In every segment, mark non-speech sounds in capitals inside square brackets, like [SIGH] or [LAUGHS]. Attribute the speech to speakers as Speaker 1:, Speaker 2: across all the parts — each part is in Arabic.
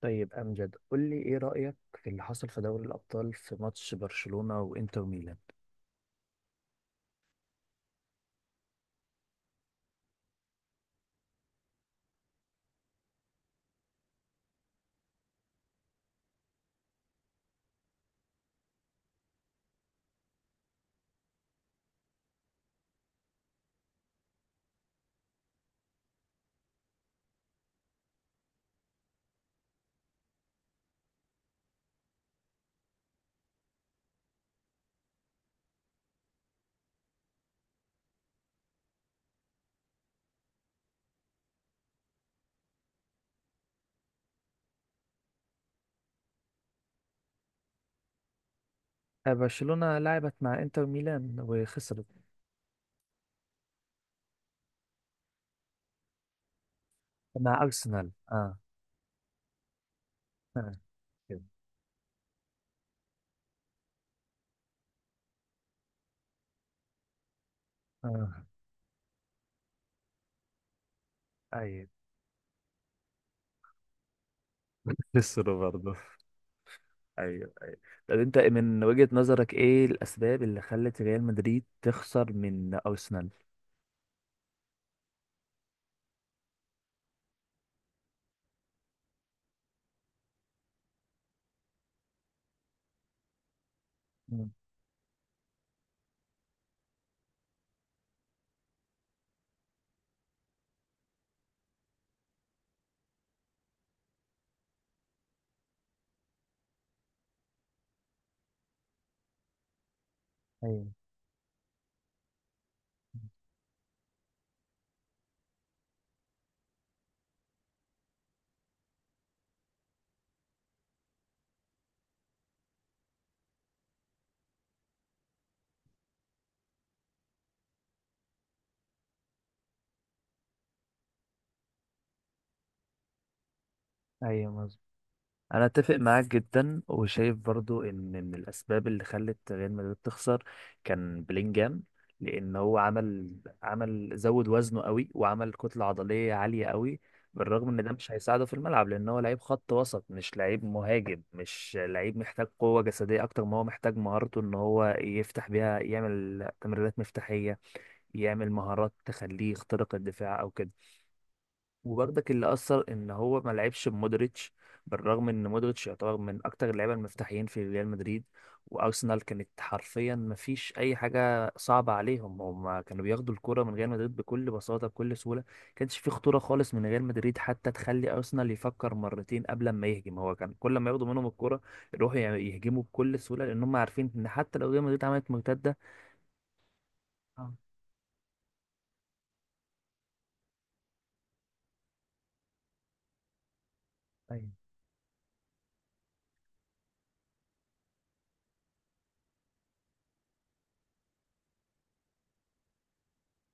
Speaker 1: طيب امجد، قول لي ايه رايك في اللي حصل في دوري الابطال في ماتش برشلونه وانتر ميلان؟ برشلونه لعبت مع انتر ميلان وخسرت. مع ارسنال، اه. اه، كده. اه. ايوه. [LAUGHS] خسروا برضه. ايوه ايوه. طب انت من وجهه نظرك ايه الاسباب اللي خلت ريال مدريد تخسر من ارسنال؟ مم. ايوه ايوه، مظبوط. انا اتفق معاك جدا، وشايف برضو ان من الاسباب اللي خلت ريال مدريد تخسر كان بلينجهام، لان هو عمل زود وزنه قوي، وعمل كتله عضليه عاليه قوي، بالرغم ان ده مش هيساعده في الملعب لان هو لعيب خط وسط، مش لعيب مهاجم، مش لعيب محتاج قوه جسديه اكتر ما هو محتاج مهارته ان هو يفتح بيها، يعمل تمريرات مفتاحيه، يعمل مهارات تخليه يخترق الدفاع او كده. وبرضك اللي اثر ان هو ما لعبش بمودريتش، بالرغم ان مودريتش يعتبر من اكتر اللعيبه المفتاحيين في ريال مدريد. وارسنال كانت حرفيا ما فيش اي حاجه صعبه عليهم، هم كانوا بياخدوا الكره من ريال مدريد بكل بساطه بكل سهوله. كانش في خطوره خالص من ريال مدريد حتى تخلي ارسنال يفكر مرتين قبل ما يهجم، هو كان كل ما ياخدوا منهم الكره يروحوا يعني يهجموا بكل سهوله، لان هم عارفين ان حتى لو ريال مدريد عملت مرتده. آه، أيوة.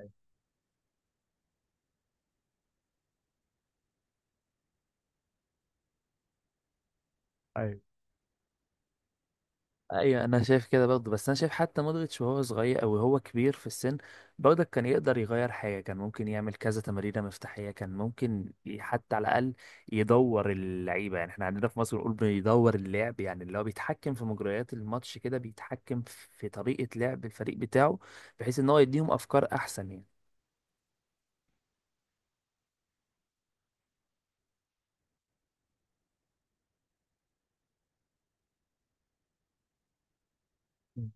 Speaker 1: أيوة. أيوة. ايوه، انا شايف كده برضه، بس انا شايف حتى مودريتش وهو صغير او هو كبير في السن برضه كان يقدر يغير حاجه، كان ممكن يعمل كذا تمريره مفتاحيه، حتى على الاقل يدور اللعيبه. يعني احنا عندنا في مصر بنقول بيدور اللعب، يعني اللي هو بيتحكم في مجريات الماتش كده، بيتحكم في طريقه لعب الفريق بتاعه، بحيث ان هو يديهم افكار احسن يعني. مم.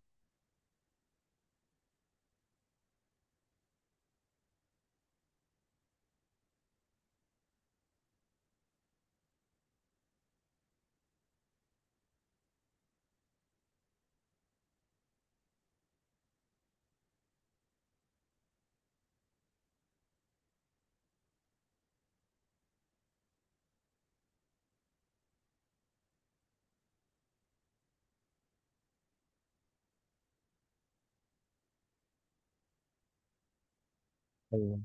Speaker 1: ايوه،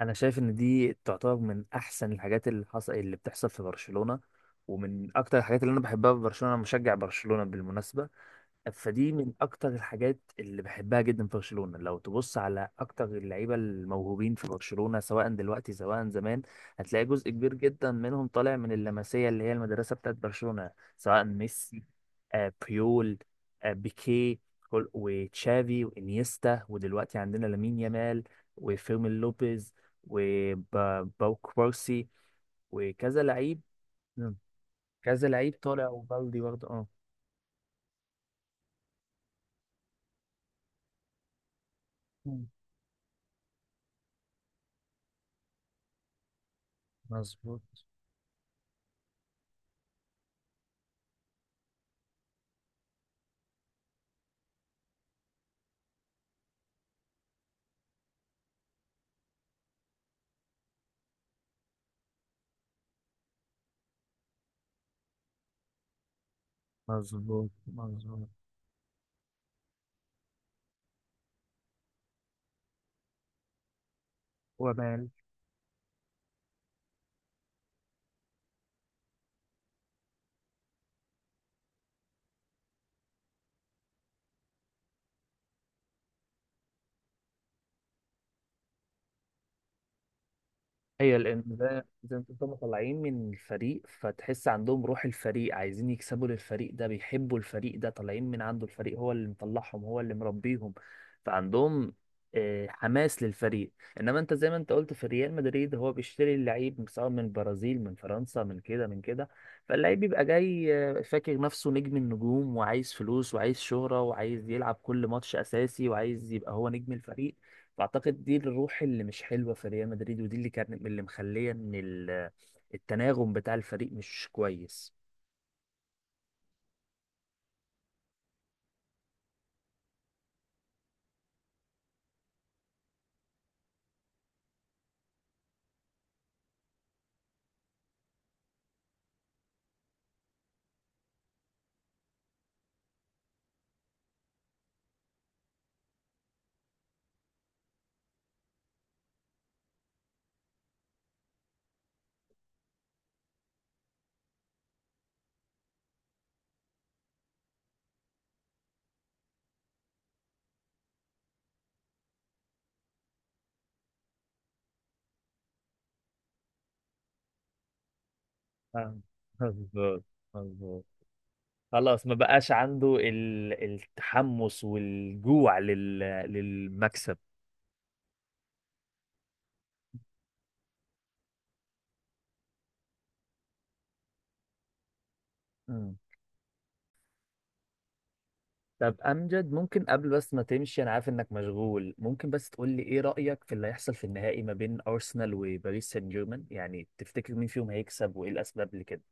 Speaker 1: انا شايف ان دي تعتبر من احسن الحاجات اللي بتحصل في برشلونة، ومن اكتر الحاجات اللي انا بحبها في برشلونة. أنا مشجع برشلونة بالمناسبة، فدي من اكتر الحاجات اللي بحبها جدا في برشلونة. لو تبص على اكتر اللعيبة الموهوبين في برشلونة سواء دلوقتي سواء زمان، هتلاقي جزء كبير جدا منهم طالع من اللمسية اللي هي المدرسة بتاعت برشلونة، سواء ميسي، بيول، بيكي، وتشافي وانيستا، ودلوقتي عندنا لامين يامال وفيرمين لوبيز وباو كوبارسي وكذا لعيب. مم. كذا لعيب طالع، وبالدي برضه، اه. مم. مظبوط مظبوط مظبوط، ومان. هي لان ده زي ما انتم طالعين من الفريق، فتحس عندهم روح الفريق، عايزين يكسبوا للفريق ده، بيحبوا الفريق ده، طالعين من عنده، الفريق هو اللي مطلعهم، هو اللي مربيهم، فعندهم حماس للفريق. انما انت زي ما انت قلت في ريال مدريد، هو بيشتري اللعيب سواء من البرازيل، من فرنسا، من كده من كده، فاللعيب بيبقى جاي فاكر نفسه نجم النجوم، وعايز فلوس وعايز شهرة وعايز يلعب كل ماتش اساسي وعايز يبقى هو نجم الفريق. فاعتقد دي الروح اللي مش حلوه في ريال مدريد، ودي اللي كانت اللي مخليه ان التناغم بتاع الفريق مش كويس. فاهم. مظبوط مظبوط. خلاص، ما بقاش عنده التحمس والجوع للمكسب. مم. طب امجد، ممكن قبل بس ما تمشي، انا عارف انك مشغول، ممكن بس تقول لي ايه رايك في اللي هيحصل في النهائي ما بين ارسنال وباريس سان جيرمان؟ يعني تفتكر مين فيهم هيكسب وايه الاسباب لكده؟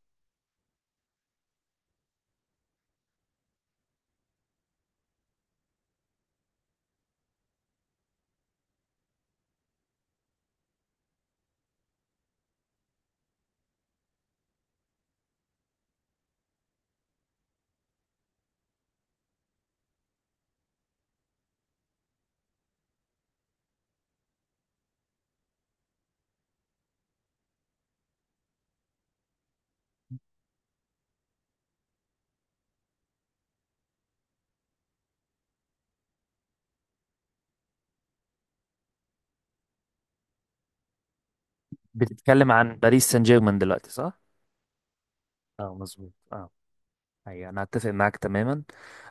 Speaker 1: بتتكلم عن باريس سان جيرمان دلوقتي صح؟ اه مظبوط، اه. ايوه، انا اتفق معاك تماما،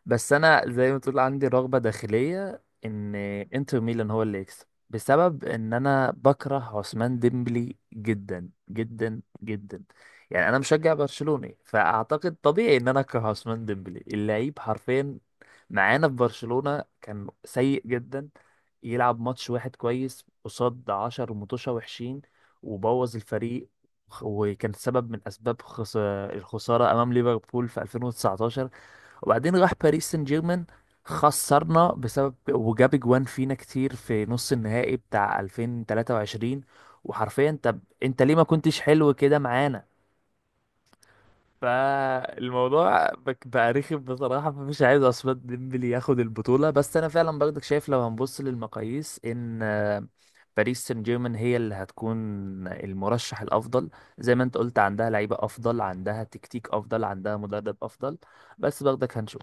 Speaker 1: بس انا زي ما تقول عندي رغبه داخليه ان انتر ميلان هو اللي يكسب، بسبب ان انا بكره عثمان ديمبلي جدا جدا جدا. يعني انا مشجع برشلوني، فاعتقد طبيعي ان انا اكره عثمان ديمبلي. اللعيب حرفيا معانا في برشلونه كان سيء جدا، يلعب ماتش واحد كويس قصاد عشر متوشة وحشين، وبوظ الفريق، وكان سبب من اسباب الخسارة أمام ليفربول في 2019، وبعدين راح باريس سان جيرمان، خسرنا بسبب وجاب جوان فينا كتير في نص النهائي بتاع 2023. وحرفيا طب انت ليه ما كنتش حلو كده معانا؟ فالموضوع بقى رخم بصراحة، فمش عايز عثمان ديمبلي ياخد البطولة. بس أنا فعلا برضك شايف لو هنبص للمقاييس إن باريس سان جيرمان هي اللي هتكون المرشح الأفضل. زي ما أنت قلت عندها لعيبة أفضل، عندها تكتيك أفضل، عندها مدرب أفضل. بس برضك هنشوف.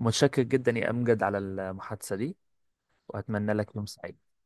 Speaker 1: متشكر جدا يا أمجد على المحادثة دي، وأتمنى لك يوم سعيد.